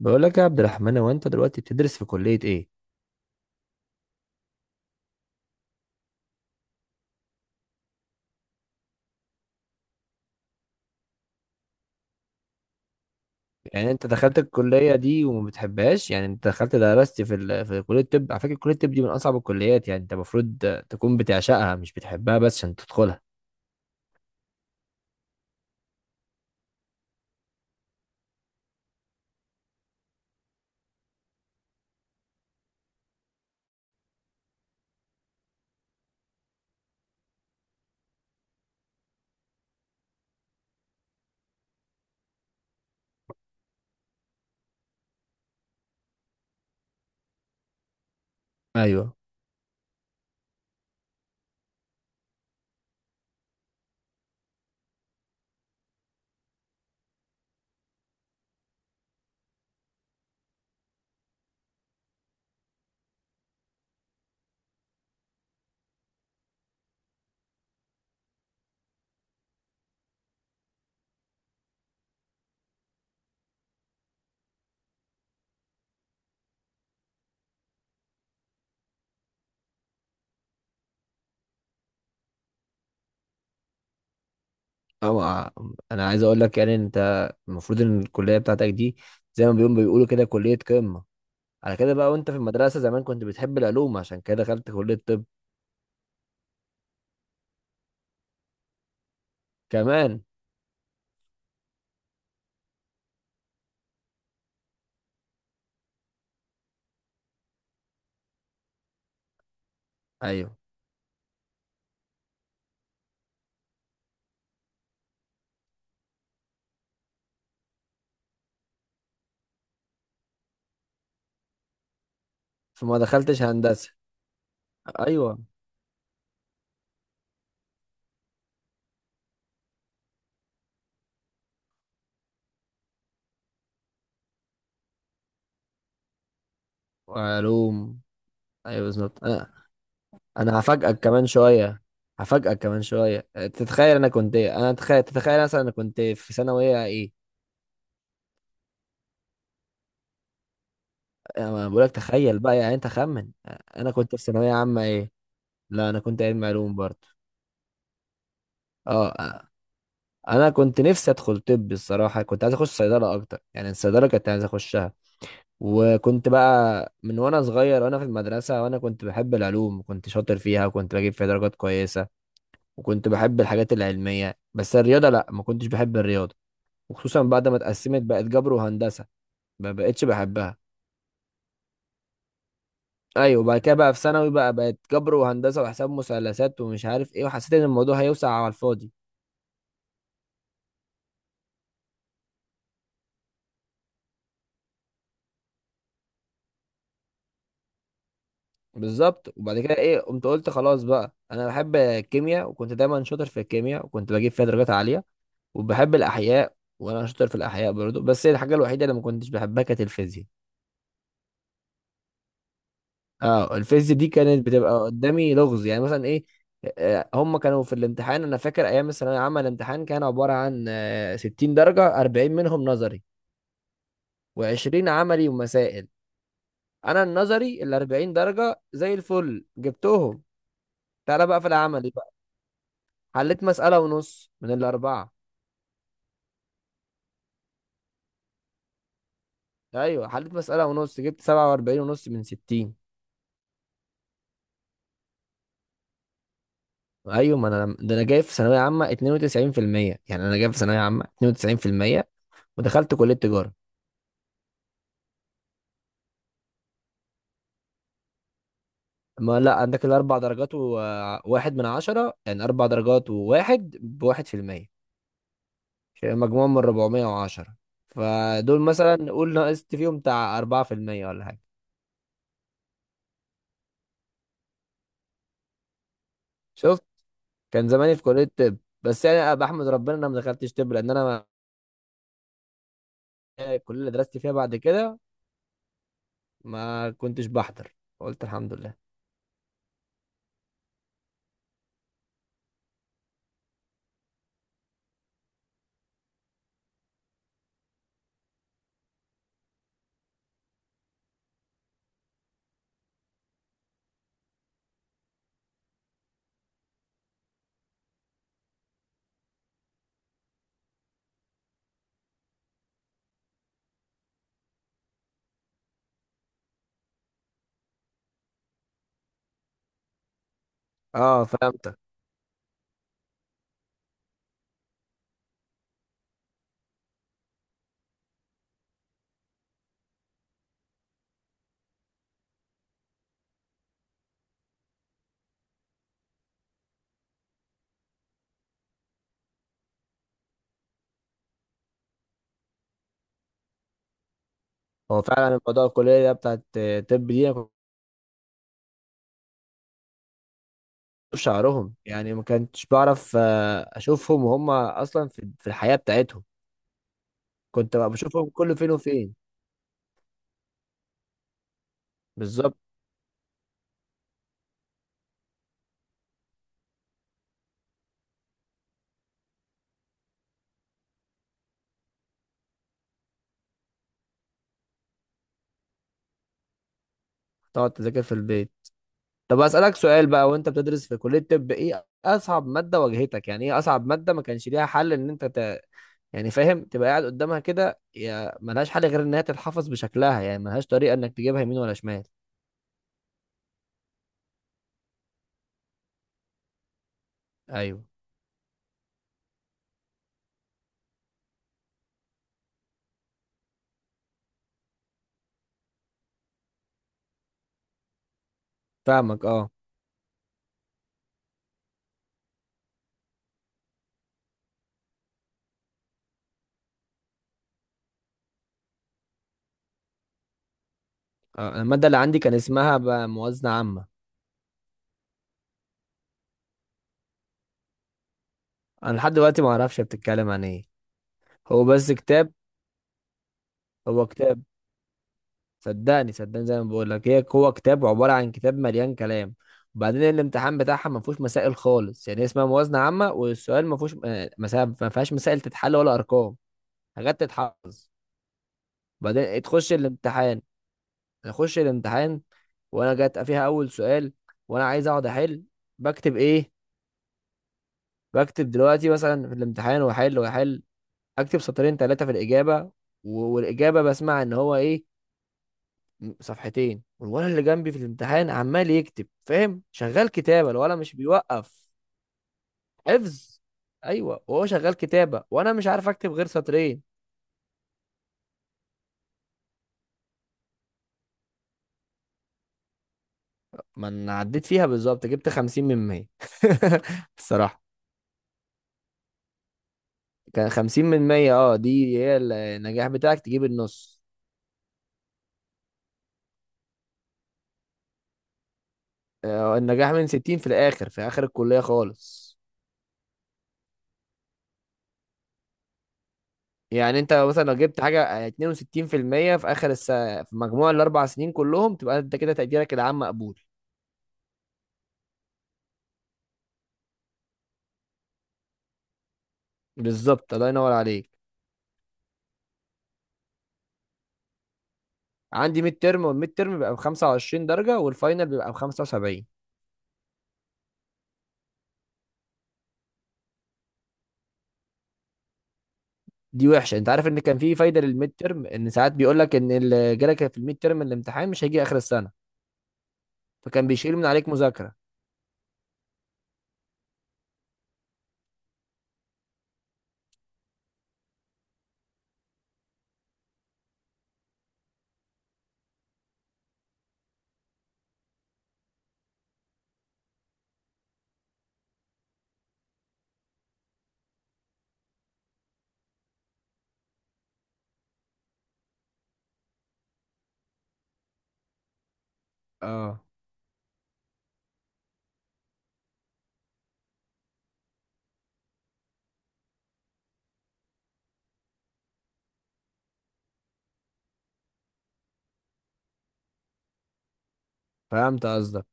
بقول لك يا عبد الرحمن، هو انت دلوقتي بتدرس في كلية ايه؟ يعني انت دخلت الكلية دي وما بتحبهاش؟ يعني انت دخلت درست في في كلية الطب. على فكرة، كلية الطب دي من اصعب الكليات، يعني انت المفروض تكون بتعشقها، مش بتحبها بس عشان تدخلها. ايوه. أو... انا عايز اقول لك، يعني انت المفروض ان الكلية بتاعتك دي، زي ما بيقولوا كده، كلية قمة. على كده بقى، وانت في المدرسة زمان كنت بتحب العلوم، عشان كده دخلت كلية الطب. كمان ايوه. فما دخلتش هندسة. ايوه. علوم. ايوه بالظبط. انا هفاجئك كمان شويه، هفاجئك كمان شويه. تتخيل انا كنت ايه؟ انا تخيل تتخيل مثلا انا كنت في ثانويه ايه؟ انا بقول لك تخيل بقى، يعني انت خمن. انا كنت في ثانويه عامه ايه؟ لا انا كنت علم علوم برضه. اه، انا كنت نفسي ادخل طب، الصراحه كنت عايز اخش صيدله اكتر، يعني الصيدله كنت عايز اخشها. وكنت بقى من وانا صغير وانا في المدرسه، وانا كنت بحب العلوم، وكنت شاطر فيها وكنت بجيب فيها درجات كويسه، وكنت بحب الحاجات العلميه. بس الرياضه لا، ما كنتش بحب الرياضه، وخصوصا بعد ما اتقسمت بقت جبر وهندسه، ما بقتش بحبها. ايوه، وبعد كده بقى في ثانوي بقى، بقت جبر وهندسه وحساب مثلثات ومش عارف ايه، وحسيت ان الموضوع هيوسع على الفاضي. بالظبط. وبعد كده ايه، قمت قلت خلاص بقى انا بحب الكيمياء، وكنت دايما شاطر في الكيمياء وكنت بجيب فيها درجات عاليه. وبحب الاحياء وانا شاطر في الاحياء برضه، بس هي الحاجه الوحيده اللي ما كنتش بحبها كانت الفيزياء. اه الفيز دي كانت بتبقى قدامي لغز. يعني مثلا ايه، هم كانوا في الامتحان. انا فاكر ايام الثانويه العامه الامتحان كان عباره عن 60 درجه، 40 منهم نظري و20 عملي ومسائل. انا النظري ال 40 درجه زي الفل جبتهم. تعالى بقى في العملي بقى، حليت مساله ونص من الاربعه. ايوه، حليت مساله ونص، جبت 47 ونص من 60. ايوه، ما انا ده انا جايب في ثانويه عامه 92%، يعني انا جايب في ثانويه عامه 92% ودخلت كليه تجاره. ما لا، عندك الاربع درجات وواحد من عشرة، يعني اربع درجات وواحد بواحد في المية. مجموعة من ربعمية وعشرة، فدول مثلا نقول نقصت فيهم بتاع اربعة في المية ولا حاجة. شفت؟ كان زماني في كلية طب، بس يعني أنا بحمد ربنا إن انا ما دخلتش طب، لان انا الكلية اللي درست فيها بعد كده ما كنتش بحضر، قلت الحمد لله. اه فهمتك. هو فعلا الموضوع الكلية بتاعت طب دي، أنا كنت بشوف شعرهم، يعني ما كنتش بعرف اشوفهم وهم اصلا في الحياة بتاعتهم، كنت بقى بشوفهم كل فين وفين. بالظبط، تقعد تذاكر في البيت. طب اسالك سؤال بقى، وانت بتدرس في كليه طب، ايه اصعب ماده واجهتك؟ يعني ايه اصعب ماده ما كانش ليها حل ان انت؟ يعني فاهم، تبقى قاعد قدامها كده، يا ملهاش حل غير ان هي تتحفظ بشكلها، يعني ملهاش طريقه انك تجيبها يمين ولا شمال. ايوه فاهمك، اه. الماده اللي عندي كان اسمها بقى موازنه عامه. انا لحد دلوقتي ما اعرفش هي بتتكلم عن ايه. هو بس كتاب، هو كتاب. صدقني صدقني، زي ما بقول لك، هي هو كتاب عباره عن كتاب مليان كلام. وبعدين الامتحان بتاعها ما فيهوش مسائل خالص، يعني اسمها موازنه عامه والسؤال ما فيهوش مسائل، ما فيهاش مسائل تتحل ولا ارقام، حاجات تتحفظ. وبعدين تخش الامتحان، اخش الامتحان وانا جات فيها اول سؤال، وانا عايز اقعد احل. بكتب ايه؟ بكتب دلوقتي مثلا في الامتحان، واحل واحل، اكتب سطرين ثلاثه في الاجابه. والاجابه بسمع ان هو ايه، صفحتين. والولد اللي جنبي في الامتحان عمال يكتب، فاهم؟ شغال كتابة، الولد مش بيوقف، حفظ. ايوه، وهو شغال كتابة وانا مش عارف اكتب غير سطرين. ما انا عديت فيها بالظبط، جبت خمسين من مية. الصراحة، كان خمسين من مية. اه دي هي النجاح بتاعك، تجيب النص. النجاح من ستين في الاخر، في اخر الكلية خالص. يعني انت مثلا لو جبت حاجة اتنين وستين في المية، في اخر في مجموع الاربع سنين كلهم، تبقى انت كده تقديرك العام مقبول. بالظبط، الله ينور عليك. عندي ميد ترم، والميد ترم بيبقى ب 25 درجه والفاينل بيبقى ب 75. دي وحشه. انت عارف ان كان في فايده للميد ترم، ان ساعات بيقول لك ان اللي جالك في الميد ترم الامتحان مش هيجي اخر السنه، فكان بيشيل من عليك مذاكره. اه فهمت قصدك.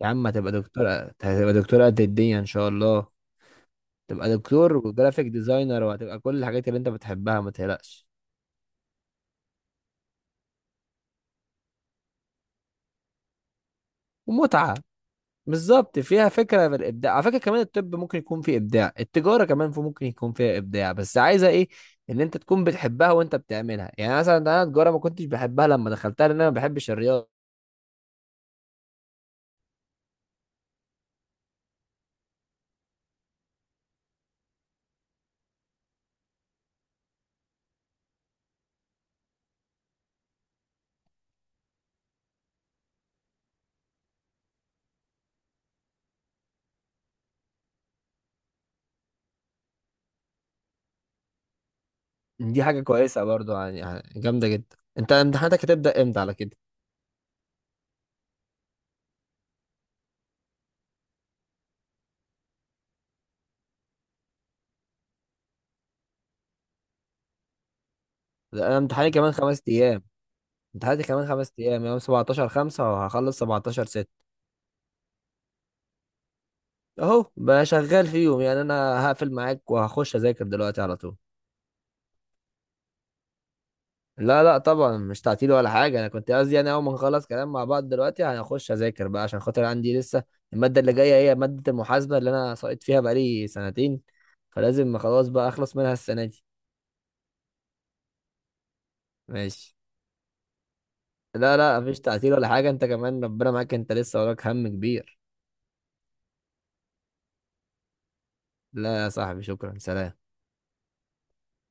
يا عم هتبقى دكتور، هتبقى دكتور قد الدنيا ان شاء الله. تبقى دكتور وجرافيك ديزاينر، وهتبقى كل الحاجات اللي انت بتحبها، ما تقلقش. ومتعه بالظبط، فيها فكرة من الإبداع. على فكرة كمان الطب ممكن يكون فيه إبداع، التجارة كمان في ممكن يكون فيها إبداع. بس عايزة إيه، إن أنت تكون بتحبها وأنت بتعملها. يعني مثلا أنا التجارة ما كنتش بحبها لما دخلتها، لأن أنا ما بحبش الرياضة. دي حاجة كويسة برضو، يعني يعني جامدة جدا. أنت امتحاناتك هتبدأ إمتى على كده؟ لا، أنا امتحاني كمان خمس أيام. امتحاناتي كمان خمس أيام، يوم 17 5، وهخلص 17 6. أهو بقى شغال فيهم، يعني أنا هقفل معاك وهخش أذاكر دلوقتي على طول. لا لا طبعا مش تعطيل ولا حاجة. أنا كنت قصدي يعني أول ما نخلص كلام مع بعض دلوقتي هنخش أذاكر بقى، عشان خاطر عندي لسه المادة اللي جاية، هي مادة المحاسبة اللي أنا ساقط فيها بقالي سنتين، فلازم خلاص بقى أخلص منها السنة دي. ماشي. لا لا مفيش تعطيل ولا حاجة، أنت كمان ربنا معاك، أنت لسه وراك هم كبير. لا يا صاحبي شكرا، سلام.